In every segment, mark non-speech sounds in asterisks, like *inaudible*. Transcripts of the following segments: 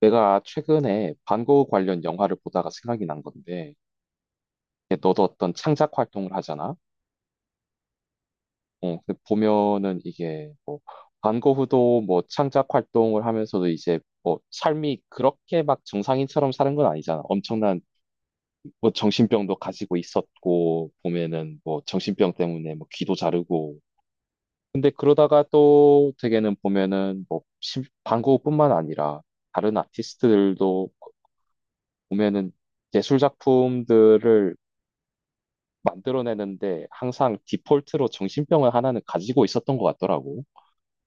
내가 최근에 반고 관련 영화를 보다가 생각이 난 건데, 이게 너도 어떤 창작 활동을 하잖아? 근데 보면은 이게 뭐, 반고 후도 뭐 창작 활동을 하면서도 이제 뭐 삶이 그렇게 막 정상인처럼 사는 건 아니잖아. 엄청난 뭐 정신병도 가지고 있었고, 보면은 뭐 정신병 때문에 뭐 귀도 자르고. 근데 그러다가 또 되게는 보면은 뭐 반고흐뿐만 아니라 다른 아티스트들도 보면은 예술 작품들을 만들어내는데 항상 디폴트로 정신병을 하나는 가지고 있었던 것 같더라고.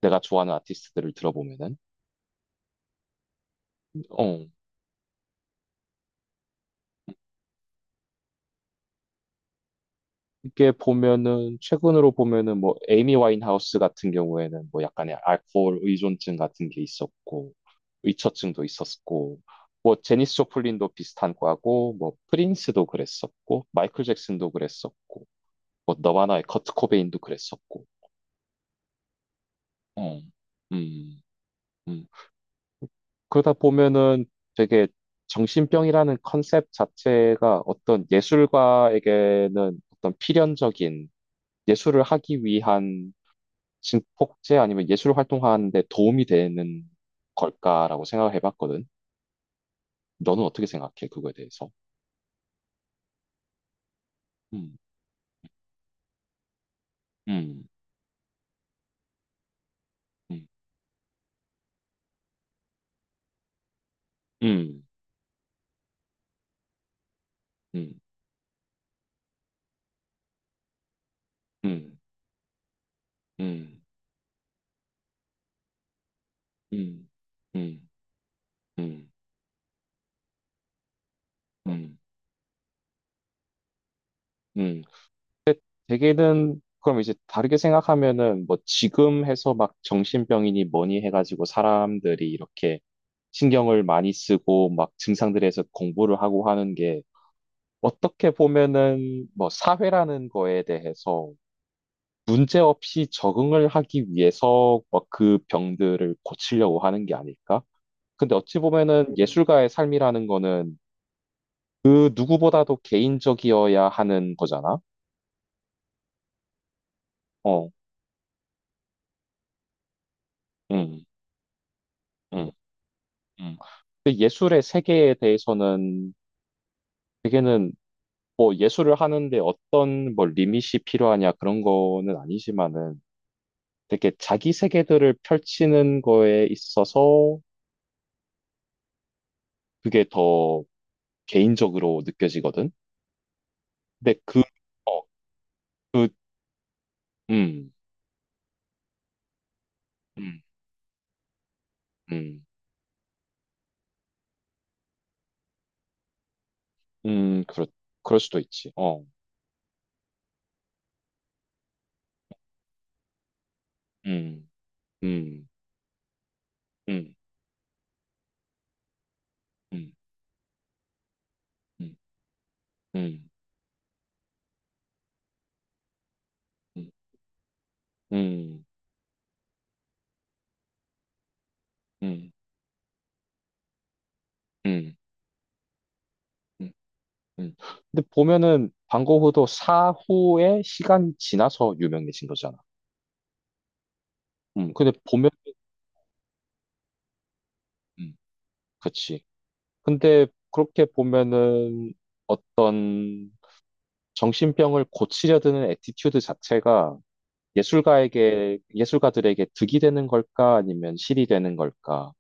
내가 좋아하는 아티스트들을 들어보면은. 어. 이게 보면은 최근으로 보면은 뭐 에이미 와인하우스 같은 경우에는 뭐 약간의 알코올 의존증 같은 게 있었고 의처증도 있었고 뭐 제니스 조플린도 비슷한 과고 뭐 프린스도 그랬었고 마이클 잭슨도 그랬었고 뭐 너바나의 커트 코베인도 그랬었고 어. 음, 음. 그러다 보면은 되게 정신병이라는 컨셉 자체가 어떤 예술가에게는 어떤 필연적인 예술을 하기 위한 진폭제 아니면 예술 활동하는 데 도움이 되는 걸까라고 생각을 해봤거든. 너는 어떻게 생각해? 그거에 대해서? 음, 음, 음, 음, 음, 음, 음, 음, 음, 음, 음, 음, 음, 음, 음. 대개는 그럼 이제 다르게 생각하면은 뭐 지금 해서 막 정신병이니 뭐니 해가지고 사람들이 이렇게 신경을 많이 쓰고 막 증상들에서 공부를 하고 하는 게 어떻게 보면은 뭐 사회라는 거에 대해서 문제 없이 적응을 하기 위해서 뭐 그 병들을 고치려고 하는 게 아닐까? 근데 어찌 보면은 예술가의 삶이라는 거는 그 누구보다도 개인적이어야 하는 거잖아. 어, 음, 응. 음. 근데 예술의 세계에 대해서는 되게는 뭐 예술을 하는데 어떤 뭐 리밋이 필요하냐 그런 거는 아니지만은 되게 자기 세계들을 펼치는 거에 있어서 그게 더 개인적으로 느껴지거든. 근데 어, 그, 음, 음, 음, 음, 그렇, 그럴 수도 있지. 어, 음, 음, 음, 음, 음, 음, 음, 음, 음, 음, 음. 음. 음. 근데 보면은 방고흐도 사후에 시간이 지나서 유명해진 거잖아. 근데 보면, 음, 그치. 근데 그렇게 보면은 어떤 정신병을 고치려 드는 애티튜드 자체가 예술가에게, 예술가들에게 득이 되는 걸까? 아니면 실이 되는 걸까?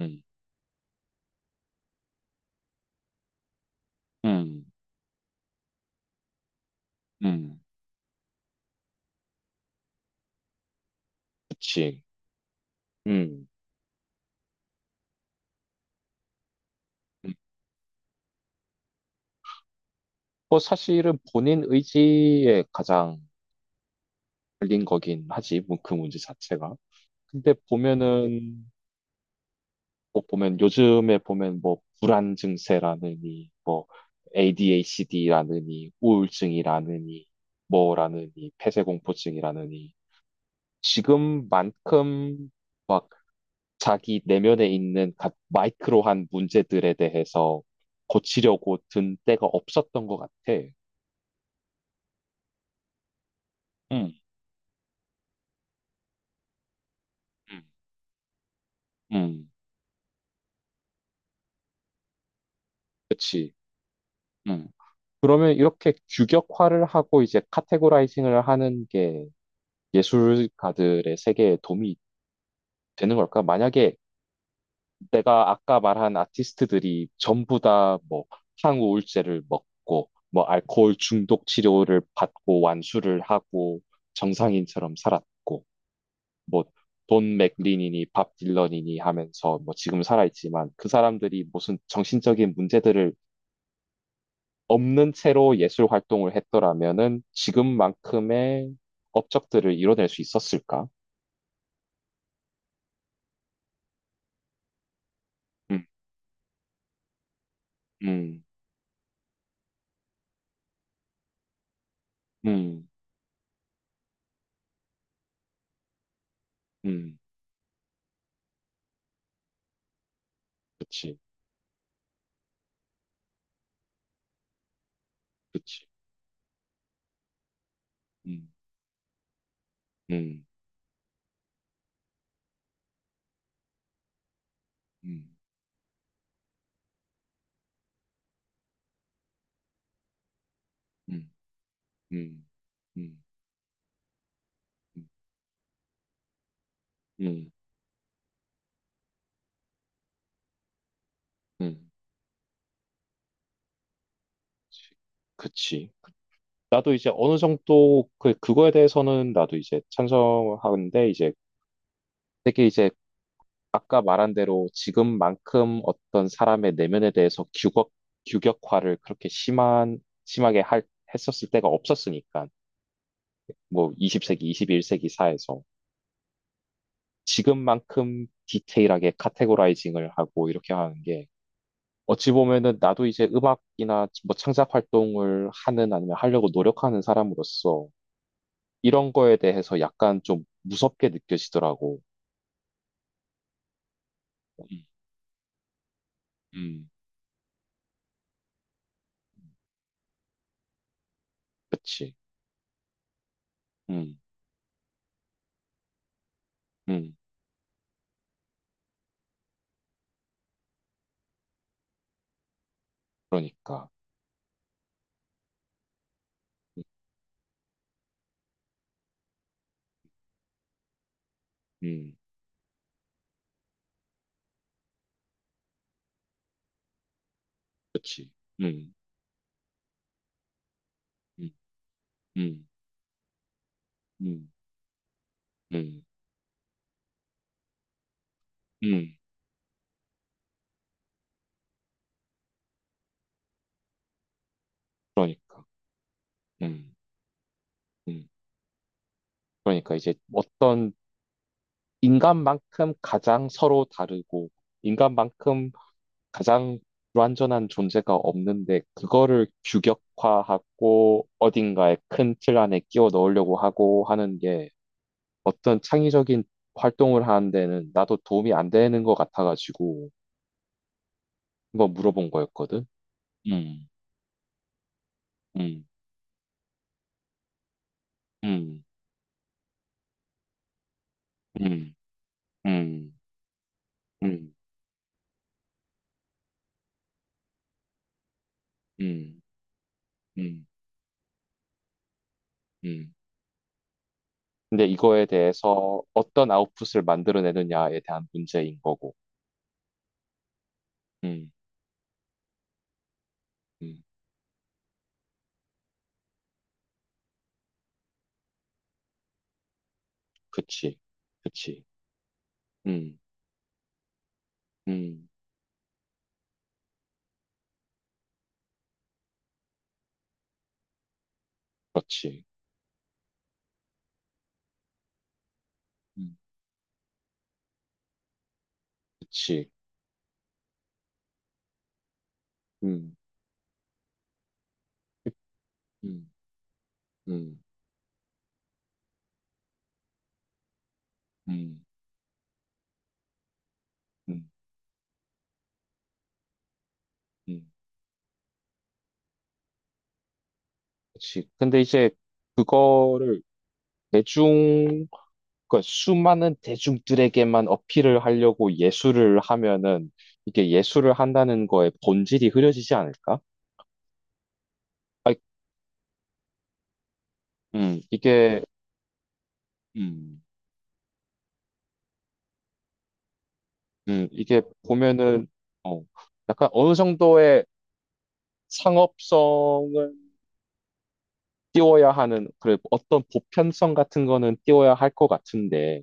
음, 음, 음, 그치. 음. 음. 뭐 사실은 본인 의지에 가장 걸린 거긴 하지, 뭐 그 문제 자체가. 근데 보면은 꼭 보면 요즘에 보면 뭐 불안 증세라느니 뭐 ADHD라느니 우울증이라느니 뭐라느니 폐쇄공포증이라느니 지금만큼 막 자기 내면에 있는 마이크로한 문제들에 대해서 고치려고 든 때가 없었던 것 같아. 응, 응, 응, 그치. 응. 그러면 이렇게 규격화를 하고 이제 카테고라이징을 하는 게 예술가들의 세계에 도움이 되는 걸까? 만약에 내가 아까 말한 아티스트들이 전부 다 뭐 항우울제를 먹고 뭐 알코올 중독 치료를 받고 완수를 하고 정상인처럼 살았고 뭐 돈 맥린이니 밥 딜런이니 하면서 뭐 지금 살아있지만 그 사람들이 무슨 정신적인 문제들을 없는 채로 예술 활동을 했더라면은 지금만큼의 업적들을 이뤄낼 수 있었을까? 음, 음, 음, 음, 그치, 그치. 음. 음, 음, 음, 음, 음, 음, 음, 음. 그치. 나도 이제 어느 정도 그, 그거에 대해서는 나도 이제 찬성하는데 이제 되게 이제 아까 말한 대로 지금만큼 어떤 사람의 내면에 대해서 규격화를 그렇게 심하게 할, 했었을 때가 없었으니까 뭐 20세기, 21세기 사회에서 지금만큼 디테일하게 카테고라이징을 하고 이렇게 하는 게 어찌 보면은 나도 이제 음악이나 뭐 창작 활동을 하는 아니면 하려고 노력하는 사람으로서 이런 거에 대해서 약간 좀 무섭게 느껴지더라고. 음, 음, 그치. 음, 음, 그러니까. 음, 그치. 음, 음, 음, 음, 음, 음, 그러니까. 음, 음, 그러니까 이제 어떤 인간만큼 가장 서로 다르고, 인간만큼 가장 불완전한 존재가 없는데, 그거를 규격화하고 어딘가에 큰 틀 안에 끼워 넣으려고 하고 하는 게 어떤 창의적인 활동을 하는 데는 나도 도움이 안 되는 것 같아가지고, 한번 물어본 거였거든. 음, 음, 음, 음, 음, 음, 음, 음, 음. 근데 이거에 대해서 어떤 아웃풋을 만들어내느냐에 대한 문제인 거고. 음. 음, 그치, 그치, 음, 음, 맞지, 음, 그치, 음, 그- 음, 음, 음, 음, 음, 그치. 근데 이제 그거를 대중, 그 수많은 대중들에게만 어필을 하려고 예술을 하면은 이게 예술을 한다는 거에 본질이 흐려지지 않을까? 아, 이게, 음, 이게 보면은, 어, 약간 어느 정도의 상업성을 띄워야 하는 그래 어떤 보편성 같은 거는 띄워야 할 것 같은데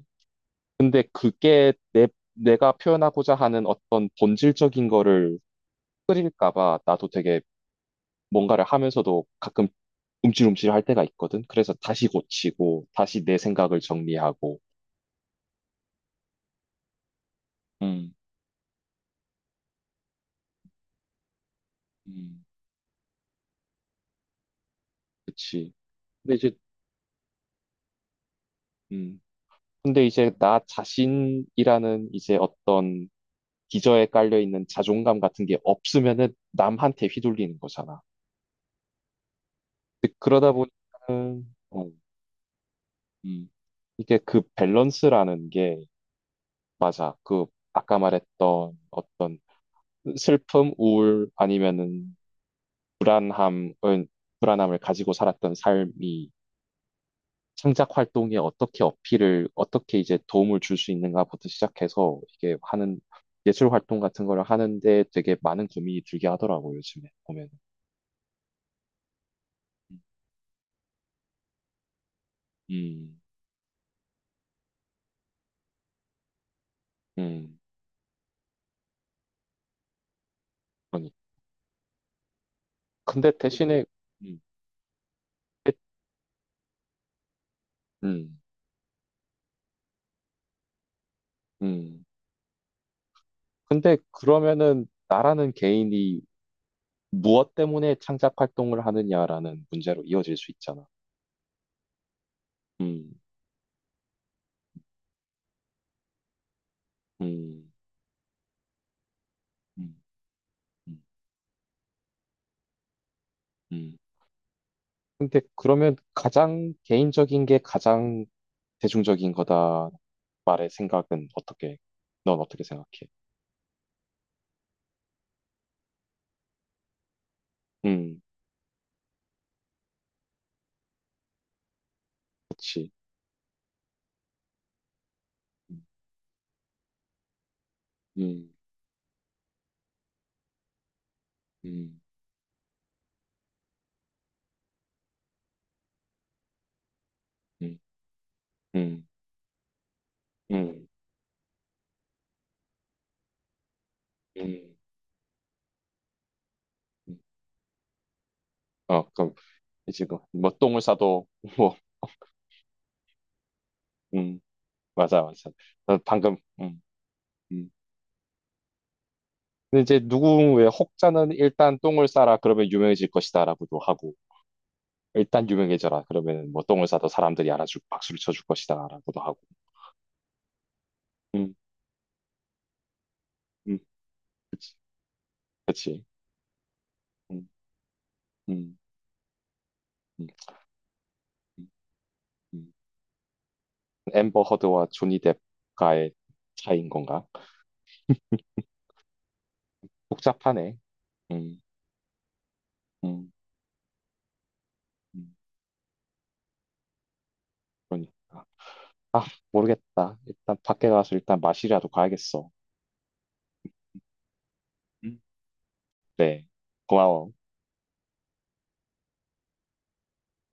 근데 그게 내 내가 표현하고자 하는 어떤 본질적인 거를 흐릴까 봐 나도 되게 뭔가를 하면서도 가끔 움찔움찔 할 때가 있거든. 그래서 다시 고치고 다시 내 생각을 정리하고 음, 음, 그치. 근데 이제 음 근데 이제 나 자신이라는 이제 어떤 기저에 깔려 있는 자존감 같은 게 없으면은 남한테 휘둘리는 거잖아. 근데 그러다 보니까는 어, 음, 이게 그 밸런스라는 게 그 아까 말했던 어떤 슬픔, 우울 아니면은 불안함을 불안함을 가지고 살았던 삶이 창작 활동에 어떻게 어필을 어떻게 이제 도움을 줄 수 있는가부터 시작해서 이게 하는 예술 활동 같은 걸 하는데 되게 많은 고민이 들게 하더라고요, 요즘에 보면. 음, 음, 그러니. 근데 대신에 음, 음, 음. 근데 그러면은 나라는 개인이 무엇 때문에 창작 활동을 하느냐라는 문제로 이어질 수 있잖아. 음, 음, 음, 음, 음. 근데 그러면 가장 개인적인 게 가장 대중적인 거다 말의 생각은 어떻게, 넌 어떻게 생각해? 음, 그치. 음, 음, 음, 음, 음, 음, 음. 음. 어, 그럼 이제 뭐, 뭐 똥을 싸도 *laughs* 뭐, 음, 맞아, 맞아. 어, 방금, 음. 근데 이제 누군 왜 혹자는 일단 똥을 싸라 그러면 유명해질 것이다라고도 하고 일단 유명해져라 그러면 뭐 똥을 싸도 사람들이 알아주고 박수를 쳐줄 것이다라고도 하고 음, 음, 그치, 그치. 음, 음, 음, 음, 음. 앰버 허드와 조니 뎁과의 차이인 건가? 복잡하네. 음, 음, 음, 그러니까. 아, 모르겠다. 일단 밖에 가서 일단 마시라도 가야겠어. 음. 네, 고마워.